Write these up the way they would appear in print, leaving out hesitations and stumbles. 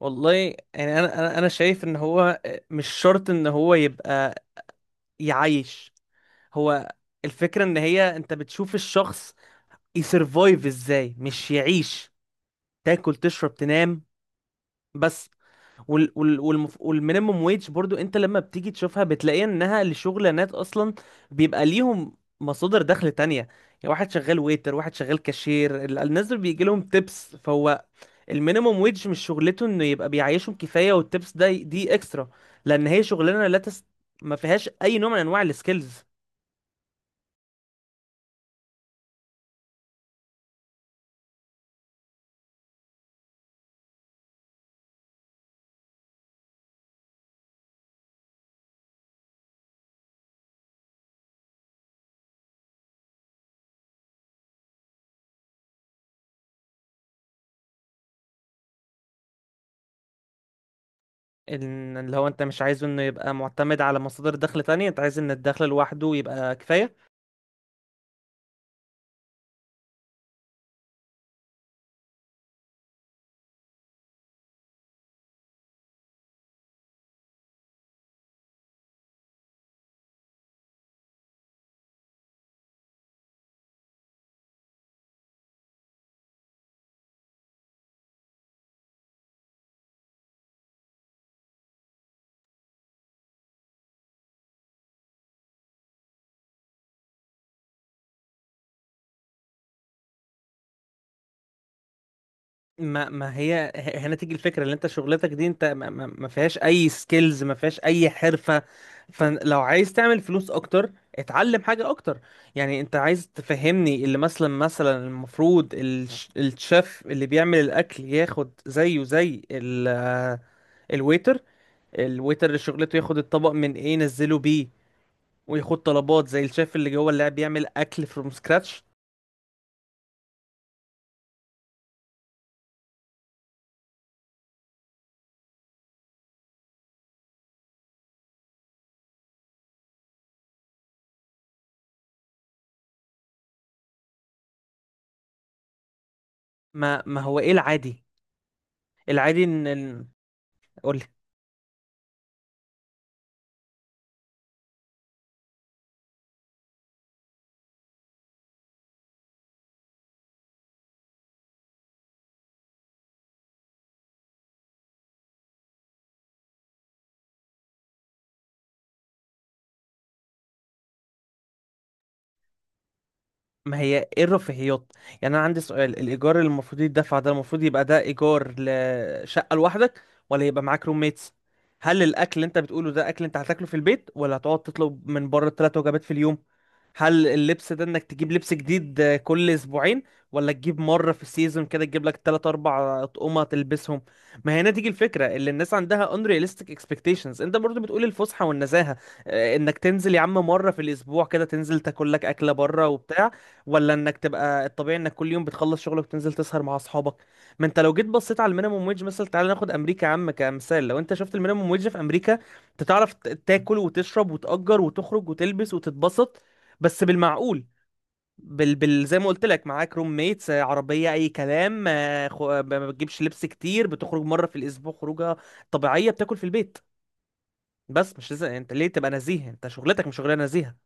والله، يعني انا انا أنا شايف ان هو مش شرط ان هو يبقى يعيش. هو الفكرة ان هي، انت بتشوف الشخص يسرفايف ازاي، مش يعيش. تاكل، تشرب، تنام، بس. والمينيموم ويج برضو انت لما بتيجي تشوفها بتلاقي انها لشغلانات اصلا بيبقى ليهم مصادر دخل تانية. يعني واحد شغال ويتر، واحد شغال كاشير، الناس دول بيجي لهم تيبس، فهو المينيموم ويج مش شغلته انه يبقى بيعيشهم كفايه، والتبس ده دي اكسترا. لان هي شغلانه لا تس... ما فيهاش اي نوع من انواع السكيلز. اللي هو، انت مش عايزه انه يبقى معتمد على مصادر دخل تانية، انت عايز ان الدخل لوحده يبقى كفايه. ما هي هنا تيجي الفكره، اللي انت شغلتك دي انت ما فيهاش اي سكيلز، ما فيهاش اي حرفه. فلو عايز تعمل فلوس اكتر اتعلم حاجه اكتر. يعني انت عايز تفهمني اللي، مثلا المفروض الشيف اللي بيعمل الاكل ياخد زيه زي الويتر الويتر اللي شغلته ياخد الطبق من ايه ينزله بيه، وياخد طلبات زي الشيف اللي جوه اللي قاعد بيعمل اكل فروم سكراتش؟ ما هو ايه العادي؟ العادي ان... قول. ما هي ايه الرفاهيات؟ يعني انا عندي سؤال. الايجار اللي المفروض يدفع ده، المفروض يبقى ده ايجار لشقه لوحدك، ولا يبقى معاك روميتس؟ هل الاكل اللي انت بتقوله ده اكل انت هتاكله في البيت، ولا هتقعد تطلب من بره ثلاث وجبات في اليوم؟ هل اللبس ده انك تجيب لبس جديد كل اسبوعين، ولا تجيب مرة في السيزون كده تجيب لك 3 4 اطقمة تلبسهم؟ ما هنا تيجي الفكرة، اللي الناس عندها unrealistic expectations. انت برضو بتقول الفسحة والنزاهة انك تنزل يا عم مرة في الاسبوع كده تنزل تاكل لك اكلة بره وبتاع، ولا انك تبقى الطبيعي انك كل يوم بتخلص شغلك وتنزل تسهر مع اصحابك؟ ما انت لو جيت بصيت على المينيموم ويج مثلا، تعالى ناخد امريكا يا عم كمثال، لو انت شفت المينيموم ويج في امريكا انت تعرف تاكل وتشرب وتأجر وتخرج وتلبس وتتبسط، بس بالمعقول. زي ما قلت لك معاك روم ميتس عربية أي كلام، آه، خ... آه، ما بتجيبش لبس كتير، بتخرج مرة في الأسبوع خروجة طبيعية، بتاكل في البيت. بس مش لازم انت ليه تبقى نزيه، انت شغلتك مش شغلانه نزيهه.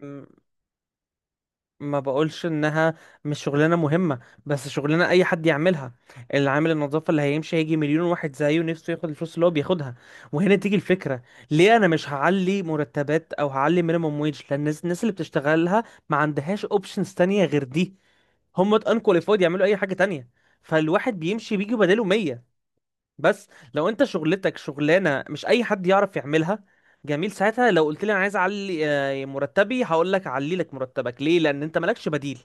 م- ما بقولش انها مش شغلانه مهمه، بس شغلانه اي حد يعملها. اللي عامل النظافه اللي هيمشي هيجي مليون واحد زيه نفسه ياخد الفلوس اللي هو بياخدها، وهنا تيجي الفكره. ليه انا مش هعلي مرتبات او هعلي مينيمم ويج؟ لان الناس اللي بتشتغلها ما عندهاش اوبشنز تانية غير دي. هم انكواليفايد يعملوا اي حاجه تانية، فالواحد بيمشي بيجي بداله 100. بس لو انت شغلتك شغلانه مش اي حد يعرف يعملها، جميل، ساعتها لو قلت لي انا عايز اعلي مرتبي هقول لك اعلي لك مرتبك، ليه؟ لان انت مالكش بديل.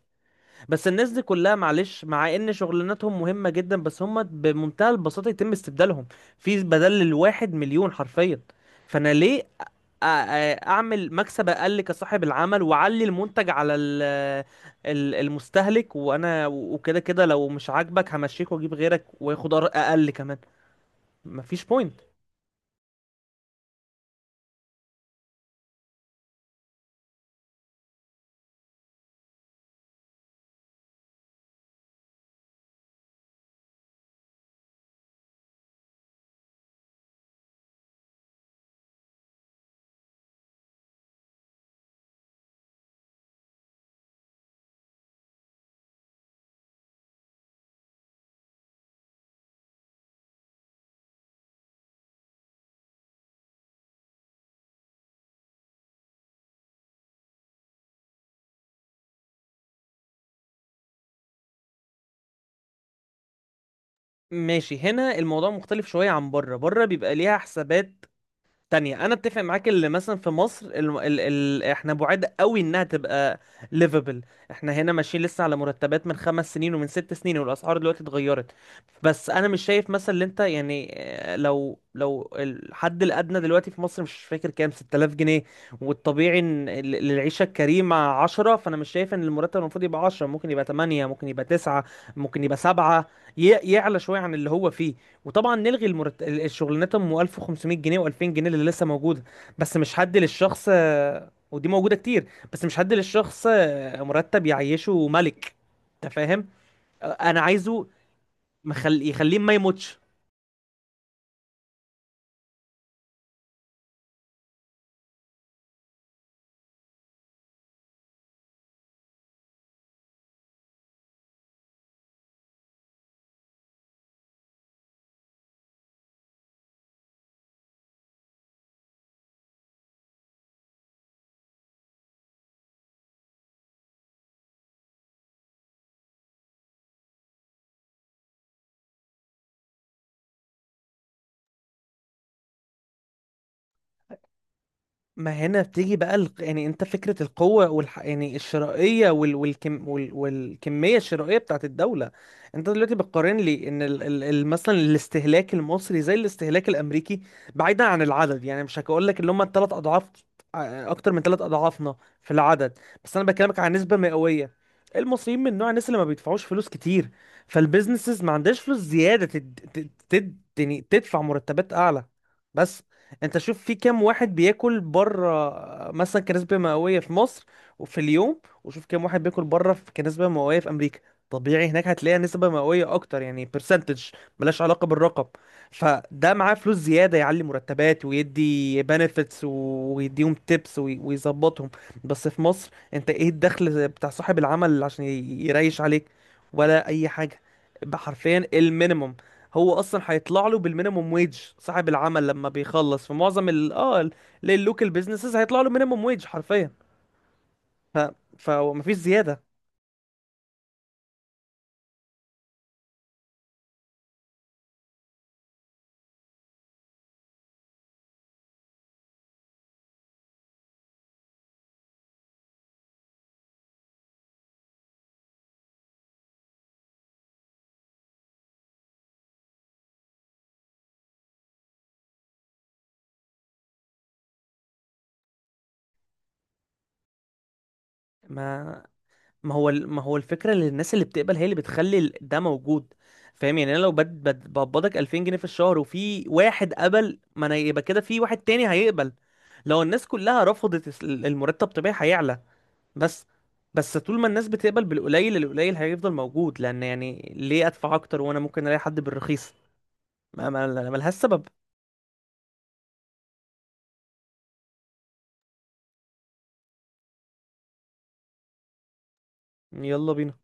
بس الناس دي كلها، معلش، مع ان شغلانتهم مهمه جدا، بس هم بمنتهى البساطه يتم استبدالهم. في بدل الواحد مليون، حرفيا. فانا ليه اعمل مكسب اقل كصاحب العمل واعلي المنتج على المستهلك، وانا وكده كده لو مش عاجبك همشيك واجيب غيرك وياخد اقل كمان. مفيش بوينت. ماشي، هنا الموضوع مختلف شوية عن بره. بره بيبقى ليها حسابات تانية. انا اتفق معاك اللي مثلا في مصر احنا بعاد قوي انها تبقى ليفبل. احنا هنا ماشيين لسه على مرتبات من خمس سنين ومن ست سنين، والاسعار دلوقتي اتغيرت. بس انا مش شايف مثلا اللي انت يعني لو الحد الادنى دلوقتي في مصر، مش فاكر كام، 6000 جنيه، والطبيعي ان للعيشة الكريمة 10. فانا مش شايف ان المرتب المفروض يبقى 10، ممكن يبقى 8، ممكن يبقى 9، ممكن يبقى 7، يعلى شوية عن اللي هو فيه. وطبعا نلغي الشغلانات ام 1500 جنيه و2000 جنيه اللي لسه موجوده. بس مش حد للشخص، ودي موجوده كتير، بس مش حد للشخص مرتب يعيشه ملك. انت فاهم؟ انا عايزه يخليه ما يموتش. ما هنا بتيجي بقى يعني انت فكرة القوة يعني الشرائية والكمية الشرائية بتاعت الدولة. انت دلوقتي بتقارن لي ان مثلا الاستهلاك المصري زي الاستهلاك الامريكي. بعيدا عن العدد، يعني مش هقول لك اللي هم الثلاث اضعاف، اكتر من ثلاث اضعافنا في العدد، بس انا بكلمك عن نسبة مئوية. المصريين من نوع الناس اللي ما بيدفعوش فلوس كتير، فالبيزنسز ما عندهاش فلوس زيادة يعني تدفع مرتبات اعلى. بس انت شوف في كام واحد بياكل بره مثلا كنسبة مئوية في مصر وفي اليوم، وشوف كام واحد بياكل بره في كنسبة مئوية في امريكا. طبيعي هناك هتلاقي نسبة مئوية اكتر، يعني برسنتج، ملهاش علاقة بالرقم. فده معاه فلوس زيادة يعلي مرتبات ويدي بنفيتس ويديهم تيبس ويظبطهم. بس في مصر انت ايه الدخل بتاع صاحب العمل عشان يريش عليك، ولا اي حاجة؟ حرفيا المينيمم. هو اصلا هيطلع له بالمينيموم ويج صاحب العمل لما بيخلص في معظم ال اه اللوكال بيزنسز هيطلع له مينيموم ويج حرفيا. ف فمفيش زياده. ما ما هو الفكره اللي الناس اللي بتقبل هي اللي بتخلي ده موجود. فاهم؟ يعني انا لو بقبضك 2000 جنيه في الشهر، وفي واحد قبل، ما انا يبقى كده في واحد تاني هيقبل. لو الناس كلها رفضت المرتب، طبيعي هيعلى. بس بس طول ما الناس بتقبل بالقليل، القليل هيفضل موجود. لان يعني ليه ادفع اكتر وانا ممكن الاقي حد بالرخيص؟ ملهاش سبب. يلا بينا.